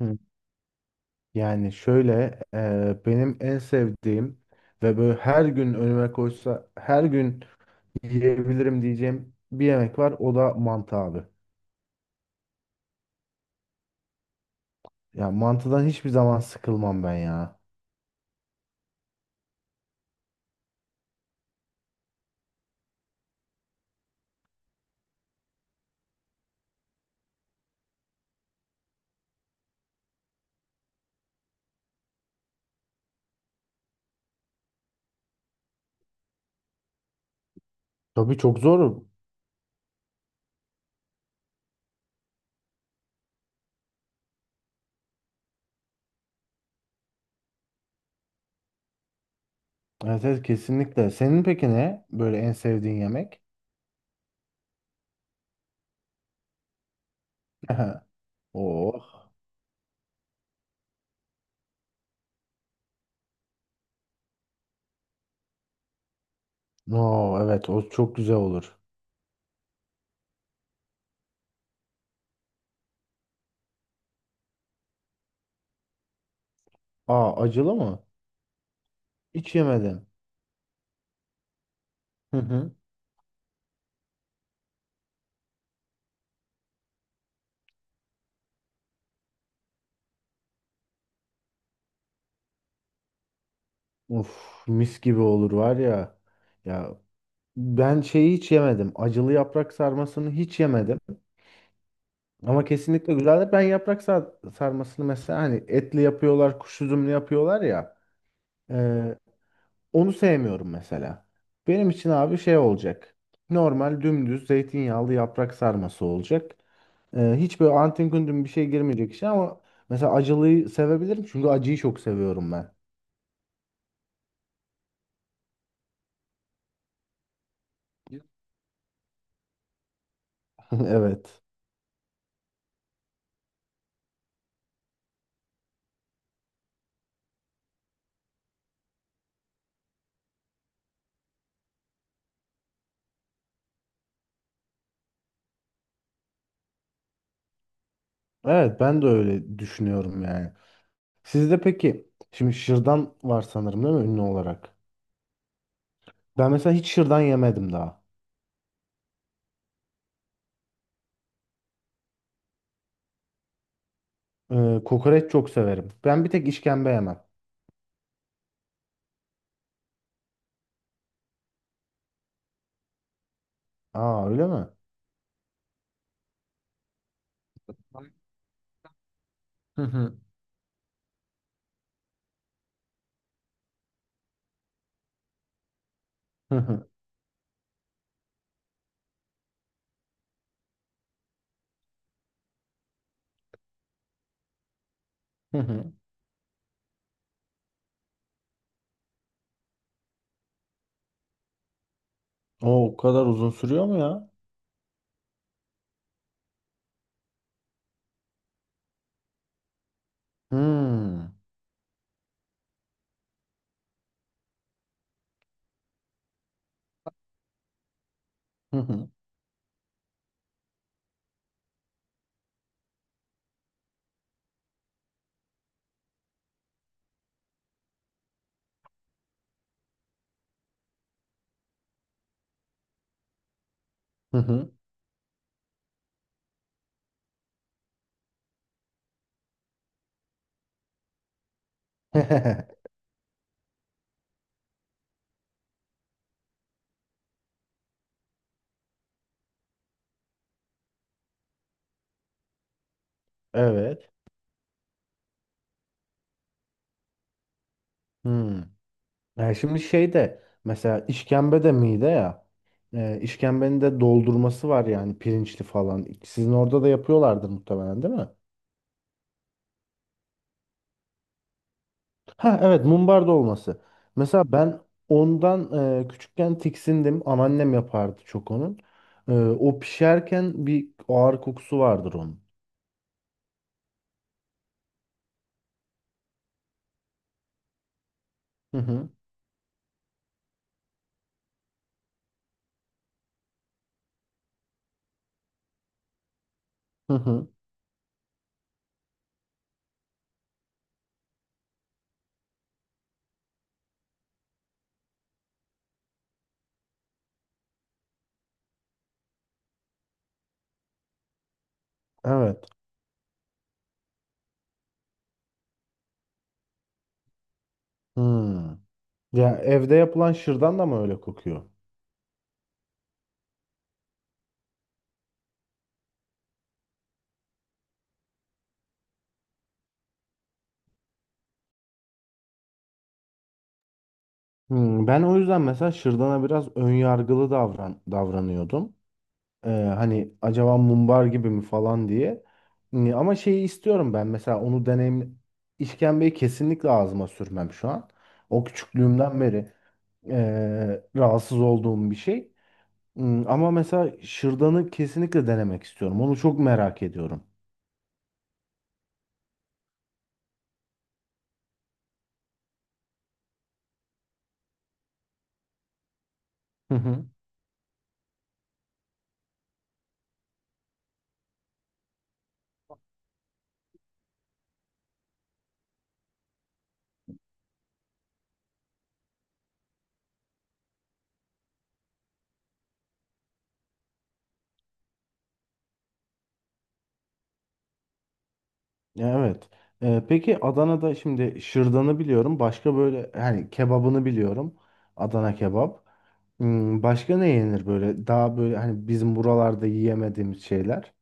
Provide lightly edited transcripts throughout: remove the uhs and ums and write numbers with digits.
Hı. Yani şöyle benim en sevdiğim ve böyle her gün önüme koysa her gün yiyebilirim diyeceğim bir yemek var, o da mantı abi. Yani mantıdan hiçbir zaman sıkılmam ben ya. Tabii çok zor. Evet, evet kesinlikle. Senin peki ne böyle en sevdiğin yemek? Oh. No, evet o çok güzel olur. Aa, acılı mı? Hiç yemedim. Hı hı. Of, mis gibi olur var ya. Ya, ben şeyi hiç yemedim. Acılı yaprak sarmasını hiç yemedim. Ama kesinlikle güzeldir. Sarmasını mesela hani etli yapıyorlar, kuş üzümlü yapıyorlar ya. e, Onu sevmiyorum mesela. Benim için abi şey olacak. Normal dümdüz zeytinyağlı yaprak sarması olacak. E, hiç böyle antin kuntin bir şey girmeyecek işe, ama mesela acılıyı sevebilirim çünkü acıyı çok seviyorum ben. Evet. Evet, ben de öyle düşünüyorum yani. Sizde peki şimdi şırdan var sanırım, değil mi, ünlü olarak? Ben mesela hiç şırdan yemedim daha. Kokoreç çok severim. Ben bir tek işkembe yemem. Aa, öyle mi? Hı hı. Hı hı, hı hı. O o kadar uzun sürüyor mu ya? Hmm. Hı hı, hı hı. Evet. Hmm. Yani şimdi şey, de mesela işkembe de mide ya. İşkembenin de doldurması var yani, pirinçli falan. Sizin orada da yapıyorlardır muhtemelen, değil mi? Ha evet, mumbar dolması. Mesela ben ondan küçükken tiksindim. Anneannem yapardı çok onun. E, o pişerken bir ağır kokusu vardır onun. Hı hı. Hı hı. Evet. Hmm. Ya evde yapılan şırdan da mı öyle kokuyor? Hmm, ben o yüzden mesela şırdana biraz ön yargılı davranıyordum. Hani acaba mumbar gibi mi falan diye. Ama şeyi istiyorum ben, mesela onu deneyim. İşkembeyi kesinlikle ağzıma sürmem şu an. O küçüklüğümden beri rahatsız olduğum bir şey. Hmm, ama mesela şırdanı kesinlikle denemek istiyorum. Onu çok merak ediyorum. Hı hı. Evet. Peki Adana'da şimdi şırdanı biliyorum. Başka böyle hani kebabını biliyorum. Adana kebap. Hmm, başka ne yenir böyle? Daha böyle hani bizim buralarda yiyemediğimiz şeyler.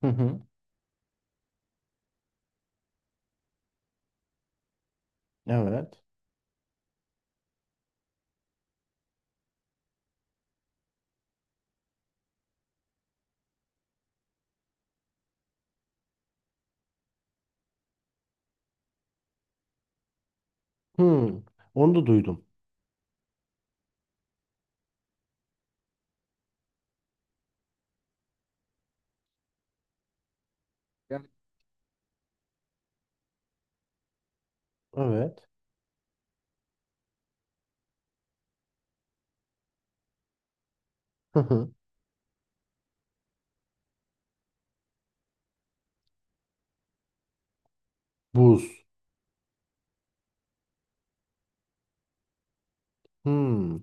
Hı hı. Evet. Hmm. Onu da duydum. Yani evet. Hı hı. Buz. Hmm.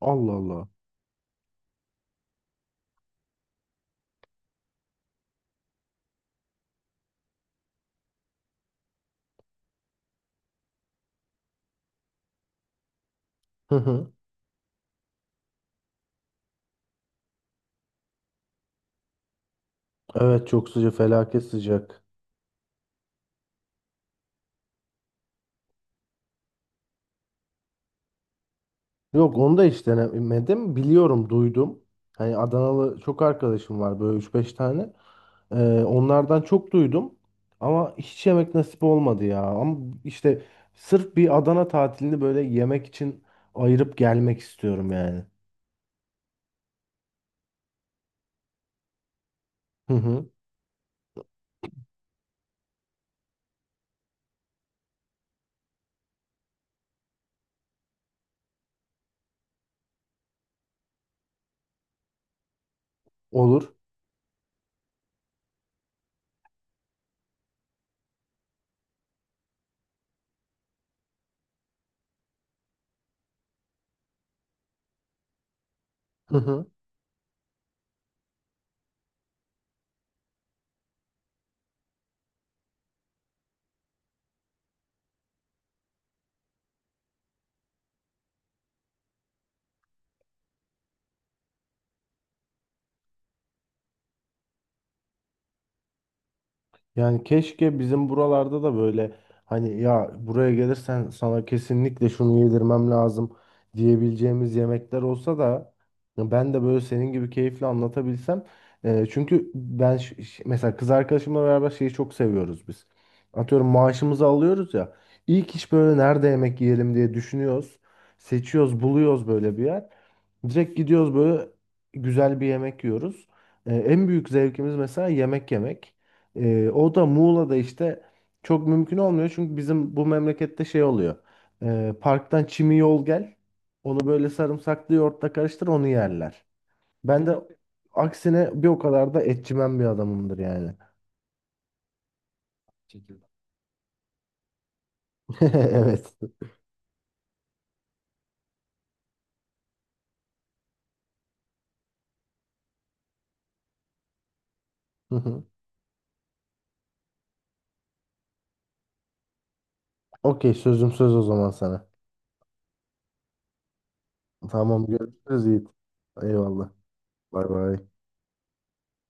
Allah Allah. Hı hı. Evet çok sıcak, felaket sıcak. Yok, onu da hiç denemedim. Biliyorum, duydum. Hani Adanalı çok arkadaşım var böyle üç beş tane. Onlardan çok duydum ama hiç yemek nasip olmadı ya. Ama işte sırf bir Adana tatilini böyle yemek için ayırıp gelmek istiyorum yani. Hı hı. Olur. Yani keşke bizim buralarda da böyle, hani, ya buraya gelirsen sana kesinlikle şunu yedirmem lazım diyebileceğimiz yemekler olsa da ya ben de böyle senin gibi keyifle anlatabilsem. Çünkü ben mesela kız arkadaşımla beraber şeyi çok seviyoruz biz. Atıyorum maaşımızı alıyoruz ya. İlk iş böyle nerede yemek yiyelim diye düşünüyoruz. Seçiyoruz, buluyoruz böyle bir yer. Direkt gidiyoruz, böyle güzel bir yemek yiyoruz. En büyük zevkimiz mesela yemek yemek. O da Muğla'da işte çok mümkün olmuyor çünkü bizim bu memlekette şey oluyor. Parktan çimi yol gel. Onu böyle sarımsaklı yoğurtla karıştır, onu yerler. Ben de aksine bir o kadar da etçimen bir adamımdır yani. Şekilde. Evet. Hı hı. Okey, sözüm söz o zaman sana. Tamam, görüşürüz Yiğit. Eyvallah. Bay bay.